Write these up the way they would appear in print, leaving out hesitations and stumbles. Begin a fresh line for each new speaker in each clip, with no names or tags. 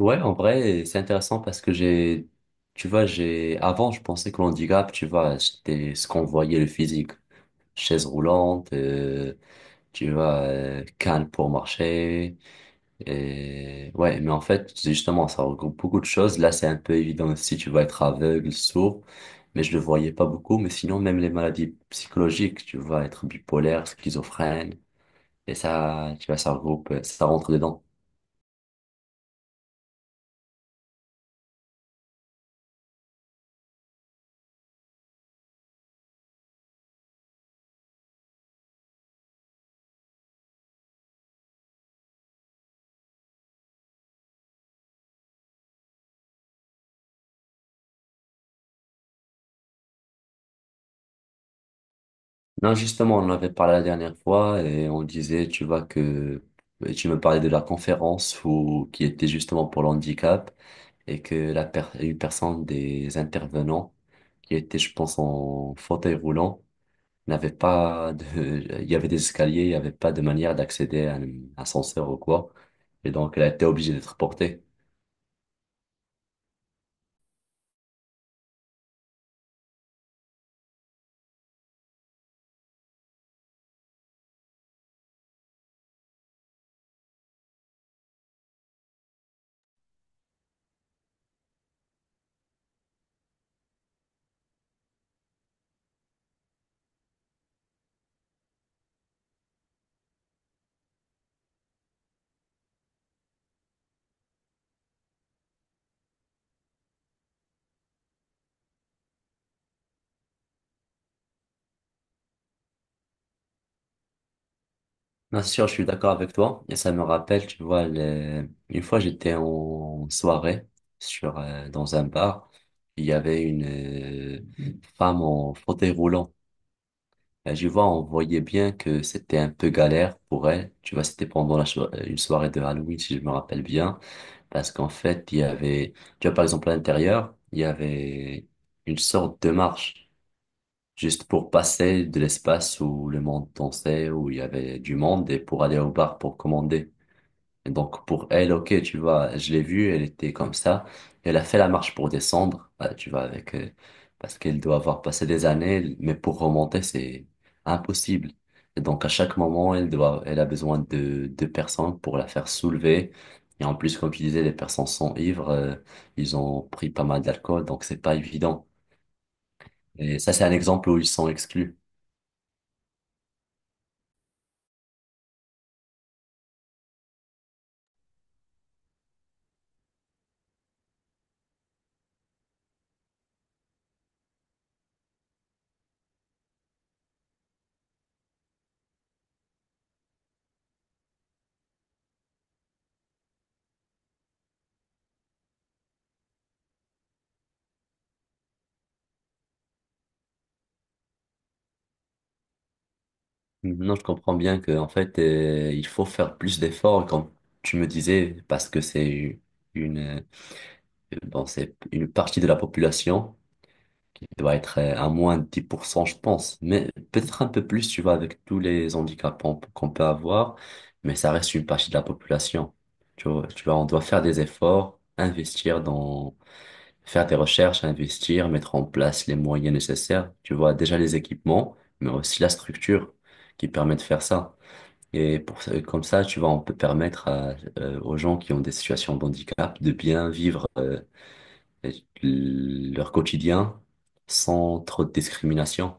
Ouais, en vrai, c'est intéressant parce que j'ai, tu vois, j'ai, avant, je pensais que l'handicap, tu vois, c'était ce qu'on voyait le physique. Chaise roulante, tu vois, canne pour marcher. Et ouais, mais en fait, c'est justement, ça regroupe beaucoup de choses. Là, c'est un peu évident aussi, tu vas être aveugle, sourd, mais je le voyais pas beaucoup. Mais sinon, même les maladies psychologiques, tu vas être bipolaire, schizophrène, et ça, tu vois, ça regroupe, ça rentre dedans. Non, justement, on en avait parlé la dernière fois et on disait, tu vois, que tu me parlais de la conférence où, qui était justement pour l'handicap et que une personne des intervenants qui était, je pense, en fauteuil roulant n'avait pas de, il y avait des escaliers, il n'y avait pas de manière d'accéder à un ascenseur ou quoi. Et donc, elle a été obligée d'être portée. Bien sûr, je suis d'accord avec toi. Et ça me rappelle, tu vois, une fois j'étais en soirée sur, dans un bar. Il y avait une femme en fauteuil roulant. Et je vois, on voyait bien que c'était un peu galère pour elle. Tu vois, c'était pendant une soirée de Halloween, si je me rappelle bien. Parce qu'en fait, il y avait, tu vois, par exemple, à l'intérieur, il y avait une sorte de marche. Juste pour passer de l'espace où le monde dansait, où il y avait du monde, et pour aller au bar pour commander. Donc pour elle, ok, tu vois, je l'ai vue, elle était comme ça. Elle a fait la marche pour descendre, tu vois, avec parce qu'elle doit avoir passé des années, mais pour remonter, c'est impossible. Et donc à chaque moment, elle doit, elle a besoin de deux personnes pour la faire soulever. Et en plus, comme tu disais, les personnes sont ivres, ils ont pris pas mal d'alcool, donc c'est pas évident. Et ça, c'est un exemple où ils sont exclus. Non, je comprends bien que en fait, il faut faire plus d'efforts, comme tu me disais, parce que c'est une… Bon, c'est une partie de la population qui doit être à moins de 10% je pense. Mais peut-être un peu plus, tu vois, avec tous les handicaps qu'on peut avoir. Mais ça reste une partie de la population. Tu vois, on doit faire des efforts, investir dans, faire des recherches, investir, mettre en place les moyens nécessaires. Tu vois, déjà les équipements, mais aussi la structure qui permet de faire ça. Comme ça, tu vois, on peut permettre à, aux gens qui ont des situations de handicap de bien vivre leur quotidien sans trop de discrimination.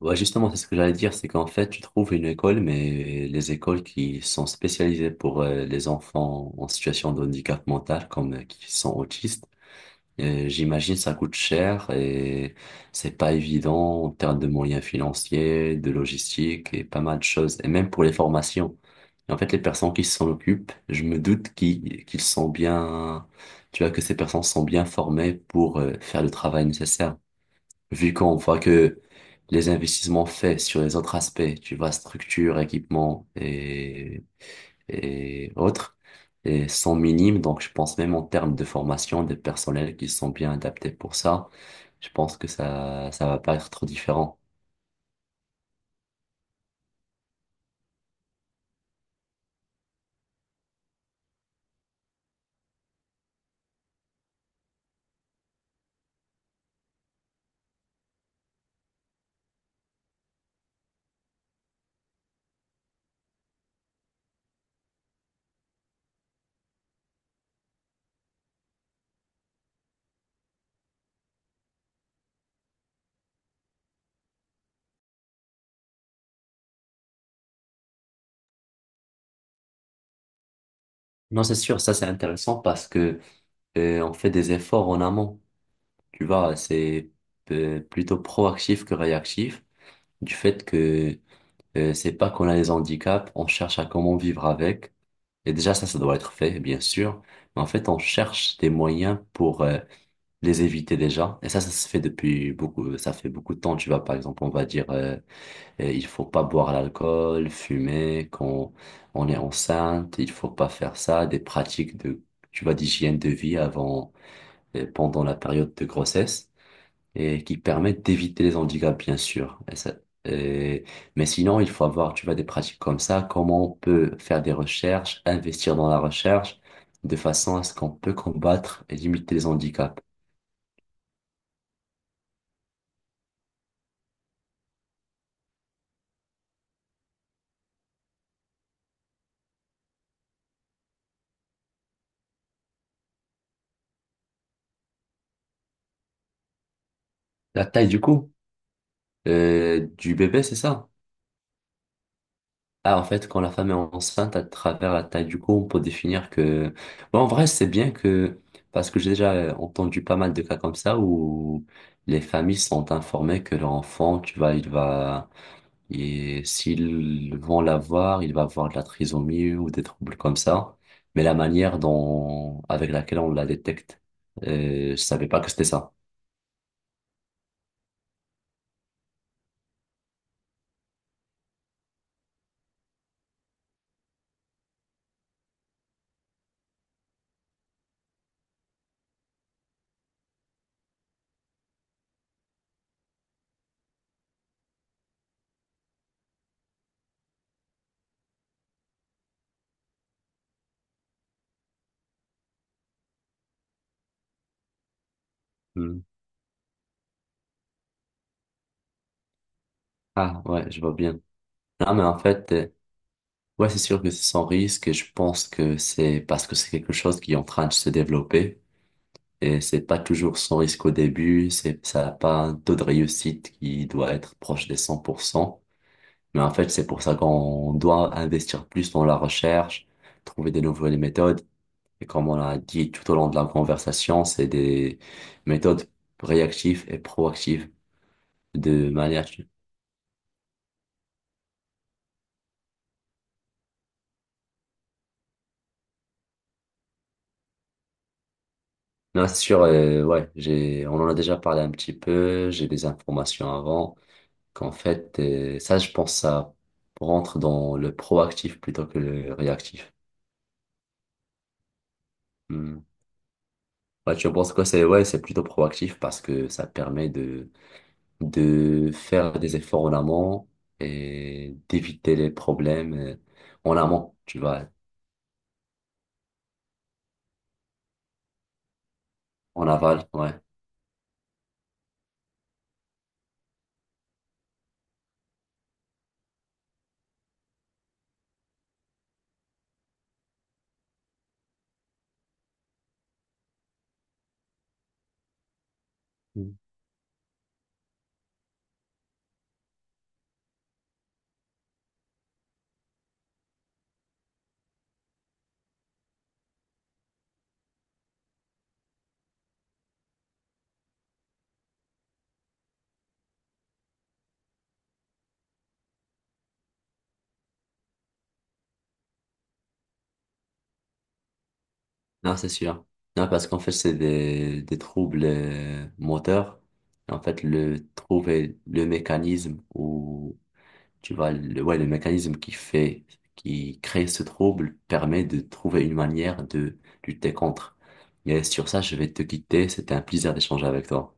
Ouais, justement, c'est ce que j'allais dire, c'est qu'en fait, tu trouves une école, mais les écoles qui sont spécialisées pour les enfants en situation de handicap mental, comme qui sont autistes, j'imagine ça coûte cher et c'est pas évident en termes de moyens financiers, de logistique et pas mal de choses, et même pour les formations. Et en fait, les personnes qui s'en occupent, je me doute qu'ils sont bien, tu vois, que ces personnes sont bien formées pour faire le travail nécessaire. Vu qu'on voit que les investissements faits sur les autres aspects, tu vois, structure, équipement et autres et sont minimes. Donc, je pense même en termes de formation, des personnels qui sont bien adaptés pour ça, je pense que ça va pas être trop différent. Non, c'est sûr, ça c'est intéressant parce que on fait des efforts en amont. Tu vois, c'est plutôt proactif que réactif du fait que c'est pas qu'on a des handicaps, on cherche à comment vivre avec. Et déjà, ça doit être fait, bien sûr. Mais en fait, on cherche des moyens pour les éviter déjà. Et ça se fait depuis beaucoup, ça fait beaucoup de temps, tu vois. Par exemple, on va dire, il faut pas boire l'alcool, fumer quand on est enceinte, il faut pas faire ça, des pratiques de, tu vois, d'hygiène de vie avant, et pendant la période de grossesse et qui permettent d'éviter les handicaps, bien sûr. Et- mais sinon, il faut avoir, tu vois, des pratiques comme ça. Comment on peut faire des recherches, investir dans la recherche de façon à ce qu'on peut combattre et limiter les handicaps. La taille du cou. Du bébé, c'est ça? Ah, en fait, quand la femme est enceinte, à travers la taille du cou, on peut définir que… Bon, en vrai, c'est bien que… Parce que j'ai déjà entendu pas mal de cas comme ça où les familles sont informées que leur enfant, tu vois, il va… Et s'ils vont l'avoir, il va avoir de la trisomie ou des troubles comme ça. Mais la manière dont… avec laquelle on la détecte, je savais pas que c'était ça. Hmm. Ah, ouais, je vois bien. Non, mais en fait... Ouais, c'est sûr que c'est sans risque et je pense que c'est parce que c'est quelque chose qui est en train de se développer et c'est pas toujours sans risque au début, c'est, ça n'a pas un taux de réussite qui doit être proche des 100%. Mais en fait, c'est pour ça qu'on doit investir plus dans la recherche, trouver des nouvelles méthodes. Et comme on l'a dit tout au long de la conversation, c'est des méthodes réactives et proactives de manière… Non, c'est sûr, ouais, j'ai, on en a déjà parlé un petit peu, j'ai des informations avant. Qu'en fait, ça, je pense, ça rentre dans le proactif plutôt que le réactif. Hmm. Ouais, je pense que c'est ouais, c'est plutôt proactif parce que ça permet de faire des efforts en amont et d'éviter les problèmes en amont, tu vois, en aval, ouais. Mm. Non, c'est sûr. Non, parce qu'en fait, c'est des troubles moteurs. En fait, le, trouver le mécanisme ou… Tu vois, le, ouais, le mécanisme qui fait, qui crée ce trouble permet de trouver une manière de lutter contre. Mais sur ça, je vais te quitter. C'était un plaisir d'échanger avec toi.